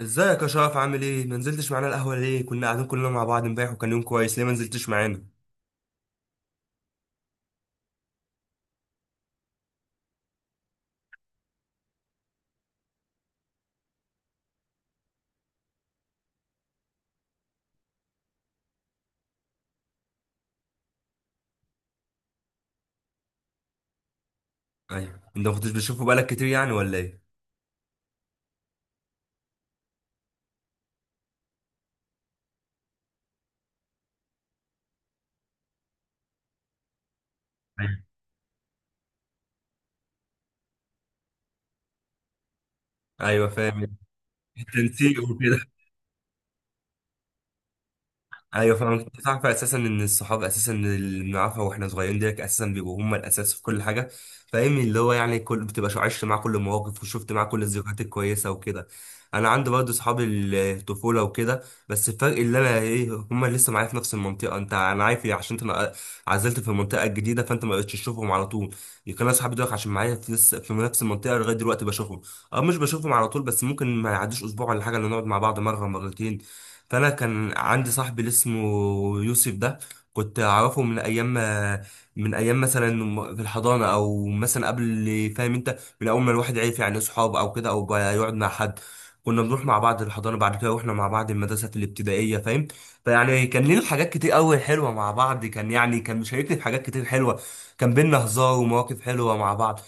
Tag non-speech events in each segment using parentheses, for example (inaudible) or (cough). ازيك يا شرف؟ عامل ايه؟ ما نزلتش معانا القهوه ليه؟ كنا قاعدين كلنا مع بعض امبارح وكان يوم كويس، ليه ما نزلتش معانا؟ ايوه، انت ما كنتش بتشوفه بقالك كتير يعني ولا ايه؟ ايوه ايوه، فاهم. التنسيق وكده. ايوه فاهم، كنت تعرف اساسا ان الصحاب اساسا اللي بنعرفها واحنا صغيرين ديت اساسا بيبقوا هم الاساس في كل حاجه. فاهم، اللي هو يعني كل بتبقى عشت معاه كل المواقف وشفت معاه كل الذكريات الكويسه وكده. انا عندي برضه صحاب الطفوله وكده. بس الفرق اللي انا ايه، هم لسه معايا في نفس المنطقه، انت انا عارف إيه، عشان انت عزلت في المنطقه الجديده فانت ما بقتش تشوفهم على طول. يمكن انا صحابي دول عشان معايا في لسه في نفس المنطقه لغايه دلوقتي بشوفهم. اه، مش بشوفهم على طول بس ممكن ما يعديش اسبوع ولا حاجه اللي نقعد مع بعض مره مرتين. فانا كان عندي صاحبي اللي اسمه يوسف ده، كنت اعرفه من ايام ما من ايام مثلا في الحضانه او مثلا قبل. فاهم انت؟ من اول ما الواحد عرف يعني اصحاب او كده او بقى يقعد مع حد، كنا بنروح مع بعض الحضانه، بعد كده رحنا مع بعض المدرسه الابتدائيه، فاهم؟ فيعني كان لنا حاجات كتير قوي حلوه مع بعض، كان يعني كان مشاركني في حاجات كتير حلوه. كان بينا هزار ومواقف حلوه مع بعض.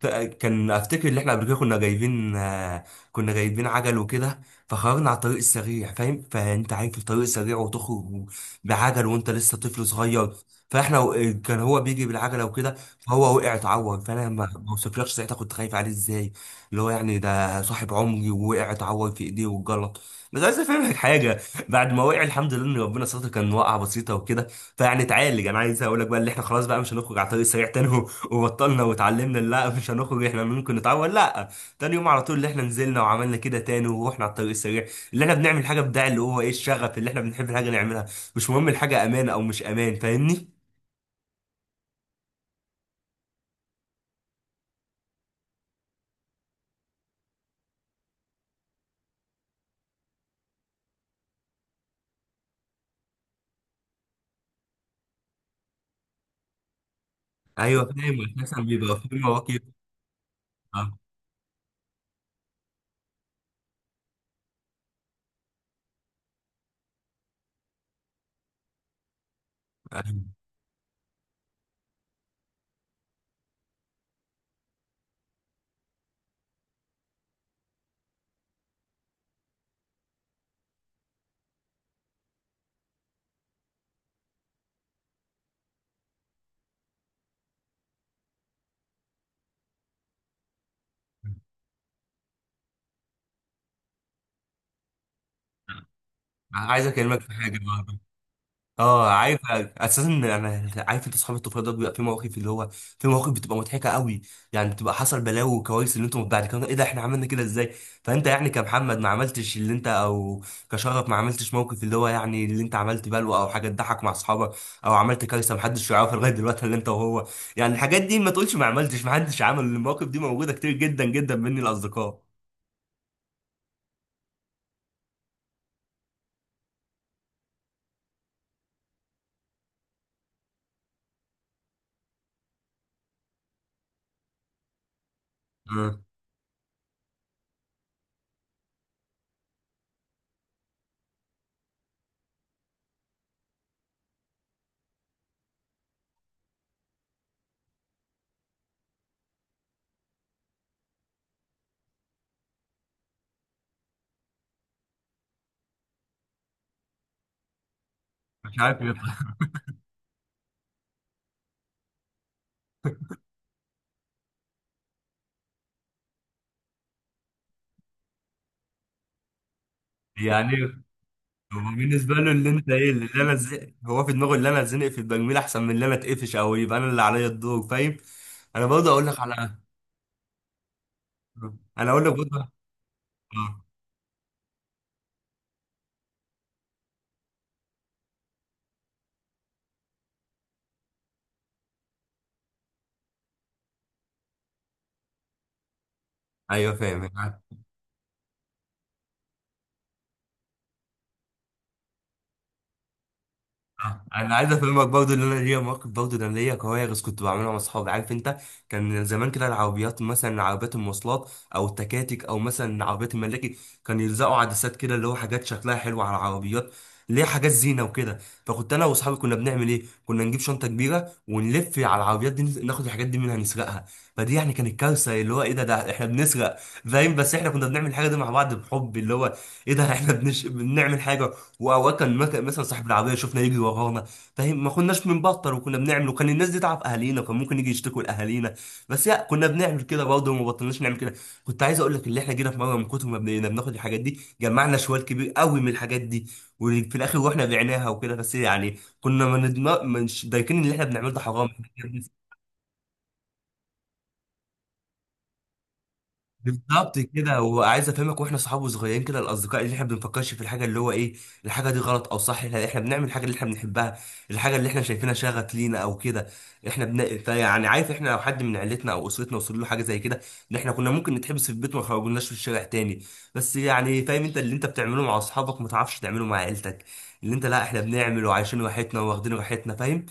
كان افتكر ان احنا قبل كده كنا جايبين آه، كنا جايبين عجل وكده. فخرجنا على الطريق السريع، فاهم؟ فانت عارف الطريق السريع وتخرج بعجل وانت لسه طفل صغير. فاحنا كان هو بيجي بالعجله وكده فهو وقع اتعور. فانا ما وصفلكش ساعتها كنت خايف عليه ازاي، اللي هو يعني ده صاحب عمري، ووقع اتعور في ايديه واتجلط. بس عايز افهمك حاجه، بعد ما وقع الحمد لله ان ربنا ستر، كان وقعه بسيطه وكده، فيعني اتعالج. انا عايز اقول لك بقى اللي احنا خلاص بقى مش هنخرج على الطريق السريع تاني (laughs) وبطلنا واتعلمنا لا، مش هنخرج، احنا ممكن نتعور، لا. تاني يوم على طول اللي احنا نزلنا وعملنا كده تاني ورحنا على الطريق السريع. اللي احنا بنعمل حاجه بتاع اللي هو ايه، الشغف اللي احنا بنحب الحاجه نعملها. مش مهم الحاجه امان او مش امان، فاهمني؟ ايوه فاهم، مثلا بيبقى في مواقف. آه، آه. عايز اكلمك في حاجه. اه عارف اساسا، انا عارف انت اصحاب الطفوله ده بيبقى في مواقف اللي هو في مواقف بتبقى مضحكه قوي، يعني بتبقى حصل بلاوي وكوارث اللي انتم بعد كده ايه ده احنا عملنا كده ازاي. فانت يعني كمحمد ما عملتش اللي انت او كشرف ما عملتش موقف اللي هو يعني اللي انت عملت بلوه او حاجه تضحك مع اصحابك، او عملت كارثه محدش يعرفها لغايه دلوقتي اللي انت وهو، يعني الحاجات دي، ما تقولش ما عملتش، ما حدش عمل المواقف دي، موجوده كتير جدا جدا مني الاصدقاء. آه، مش عارف. يعني هو بالنسبة له اللي انت ايه اللي انا اتزنق، هو في دماغه اللي انا اتزنق في التجميل احسن من اللي انا اتقفش او يبقى انا اللي عليا الدور، فاهم؟ انا برضه اقول لك على، انا اقول لك برضه. اه. ايوه فاهم. آه، انا عايز افهمك برضه ان انا ليا مواقف، برضه انا ليا كوارث كنت بعملها مع اصحابي، عارف انت. كان زمان كده العربيات، مثلا عربيات المواصلات او التكاتك او مثلا عربيات الملاكي، كان يلزقوا عدسات كده اللي هو حاجات شكلها حلو على العربيات، اللي هي حاجات زينه وكده. فكنت انا واصحابي كنا بنعمل ايه، كنا نجيب شنطه كبيره ونلف على العربيات دي، ناخد الحاجات دي منها نسرقها. فدي يعني كانت كارثه اللي هو ايه ده احنا بنسرق، فاهم؟ بس احنا كنا بنعمل الحاجه دي مع بعض بحب اللي هو ايه ده، احنا بنعمل حاجه. واوقات كان مثلا صاحب العربيه شفنا يجري ورانا، فاهم؟ ما كناش بنبطل وكنا بنعمل، وكان الناس دي تعرف اهالينا كان ممكن يجي يشتكوا لاهالينا، بس لا، كنا بنعمل كده برضه وما بطلناش نعمل كده. كنت عايز اقول لك اللي احنا جينا في مره من كتر ما بقينا بناخد الحاجات دي جمعنا شوال كبير قوي من الحاجات دي، وفي الاخر رحنا بعناها وكده، بس يعني كنا ما ندم- مش دايكين اللي احنا بنعمله ده حرام. بالظبط كده، وعايز افهمك واحنا صحاب وصغيرين كده الاصدقاء اللي احنا بنفكرش في الحاجه اللي هو ايه، الحاجه دي غلط او صح، احنا بنعمل الحاجه اللي احنا بنحبها، الحاجه اللي احنا شايفينها شغف لينا او كده. احنا فيعني عارف، احنا لو حد من عيلتنا او اسرتنا وصل له حاجه زي كده، ان احنا كنا ممكن نتحبس في البيت وما خرجناش في الشارع تاني. بس يعني فاهم انت، اللي انت بتعمله مع اصحابك ما تعرفش تعمله مع عيلتك، اللي انت لا احنا بنعمل وعايشين راحتنا واخدين راحتنا، فاهم؟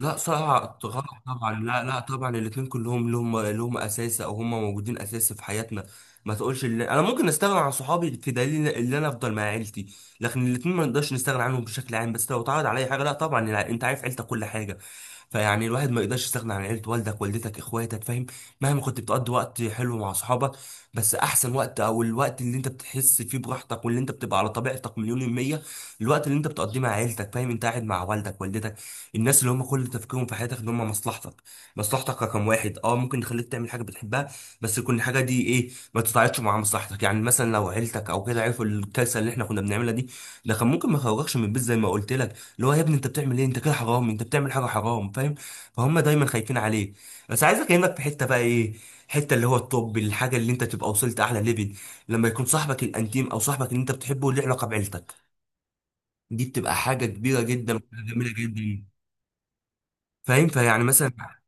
لا صعب. غلط طبعا، لا لا، طبعا الاثنين كلهم لهم اساس او هم موجودين اساس في حياتنا، ما تقولش اللي انا ممكن استغنى عن صحابي في دليل ان انا افضل مع عيلتي، لكن الاثنين ما نقدرش نستغنى عنهم بشكل عام، بس لو اتعرض عليا حاجه لا طبعا انت عارف عيلتك كل حاجه، فيعني الواحد ما يقدرش يستغنى عن عيلة، والدك والدتك اخواتك فاهم. مهما كنت بتقضي وقت حلو مع صحابك، بس احسن وقت او الوقت اللي انت بتحس فيه براحتك واللي انت بتبقى على طبيعتك مليون المية، الوقت اللي انت بتقضيه مع عيلتك، فاهم؟ انت قاعد مع والدك والدتك، الناس اللي هم كل تفكيرهم في حياتك ان هم مصلحتك. مصلحتك رقم واحد، اه ممكن يخليك تعمل حاجه بتحبها بس يكون الحاجه دي ايه ما تتعارضش مع مصلحتك، يعني مثلا لو عيلتك او كده عرفوا الكارثه اللي احنا كنا بنعملها دي، ده كان ممكن ما يخرجكش من البيت، زي ما قلت لك اللي هو يا ابني انت بتعمل ايه، انت كده حرام، انت بتعمل حاجه حرام، فاهم؟ فهم دايما خايفين عليه. بس عايزك انك في حته بقى ايه، حته اللي هو الطب، الحاجه اللي انت تبقى وصلت اعلى ليفل، لما يكون صاحبك الانتيم او صاحبك اللي انت بتحبه له علاقه بعيلتك، دي بتبقى حاجه كبيره جدا وحاجه جميله جدا، فاهم؟ فيعني مثلا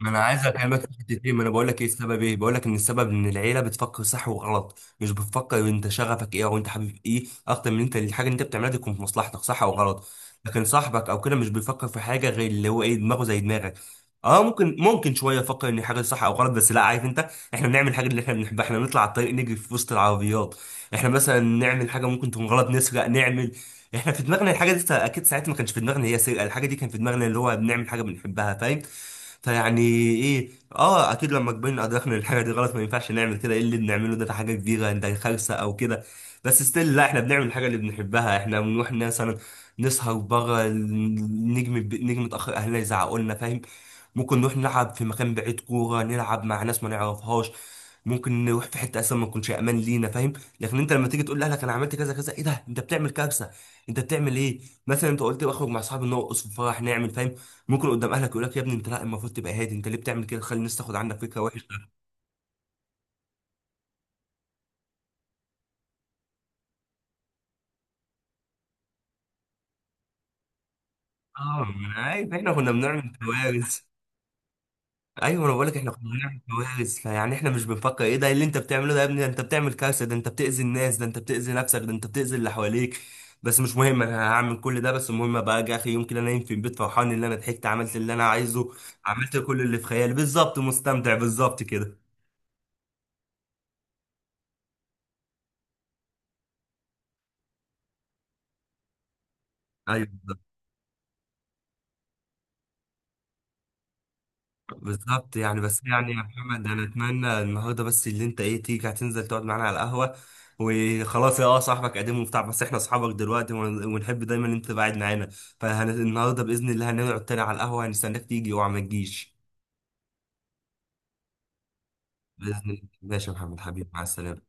ما انا عايز اكلمك في حتتين، ما انا بقول لك ايه السبب، ايه بقول لك ان السبب ان العيله بتفكر صح وغلط، مش بتفكر انت شغفك ايه او انت حابب ايه، اكتر من انت الحاجه اللي انت بتعملها دي تكون في مصلحتك صح او غلط. لكن صاحبك او كده مش بيفكر في حاجه غير اللي هو ايه، دماغه زي دماغك. اه، ممكن شويه يفكر ان حاجه صح او غلط، بس لا عارف انت احنا بنعمل الحاجه اللي احنا بنحبها، احنا بنطلع على الطريق نجري في وسط العربيات، احنا مثلا نعمل حاجه ممكن تكون غلط، نسرق نعمل، احنا في دماغنا الحاجه دي اكيد ساعتها ما كانش في دماغنا هي سرقه، الحاجه دي كان في دماغنا اللي هو بنعمل حاجه بنحبها، فاهم؟ فيعني ايه، اه اكيد لما كبرنا ادركنا ان الحاجه دي غلط ما ينفعش نعمل كده، ايه اللي بنعمله ده، ده حاجه كبيره، ده خالصه او كده. بس ستيل لا، احنا بنعمل الحاجه اللي بنحبها، احنا بنروح مثلا نسهر بره، نجم اتاخر، اهلنا يزعقوا لنا، فاهم؟ ممكن نروح نلعب في مكان بعيد كوره نلعب مع ناس ما نعرفهاش، ممكن نروح في حته اصلا ما تكونش امان لينا، فاهم؟ لكن انت لما تيجي تقول لاهلك انا عملت كذا كذا، ايه ده انت بتعمل كارثه، انت بتعمل ايه؟ مثلا انت قلت بخرج مع اصحابي نرقص في فرح نعمل، فاهم؟ ممكن قدام اهلك يقول لك يا ابني انت لا، المفروض تبقى هادي، انت ليه بتعمل كده تخلي الناس تاخد عنك فكره وحشه. اه ما انا عارف احنا كنا بنعمل كوارث. ايوه انا بقول لك احنا كنا بنعمل كوارث، فيعني احنا مش بنفكر ايه ده، إيه اللي انت بتعمله ده يا ابني، ده انت بتعمل كارثه، ده انت بتاذي الناس، ده انت بتاذي نفسك، ده انت بتاذي اللي حواليك، بس مش مهم، انا هعمل كل ده، بس المهم ابقى اجي اخر يوم كده نايم في البيت فرحان ان انا ضحكت، عملت اللي انا عايزه، عملت كل اللي في خيالي، بالظبط مستمتع، بالظبط كده. ايوه بالظبط، يعني بس يعني يا محمد انا اتمنى النهارده بس اللي انت ايه تيجي هتنزل تقعد معانا على القهوه، وخلاص يا صاحبك قديم وبتاع، بس احنا اصحابك دلوقتي ونحب دايما ان انت تبقى قاعد معانا، فالنهارده باذن الله هنقعد تاني على القهوه، هنستناك تيجي، اوعى ما تجيش. باذن الله، ماشي يا محمد حبيبي، مع السلامه.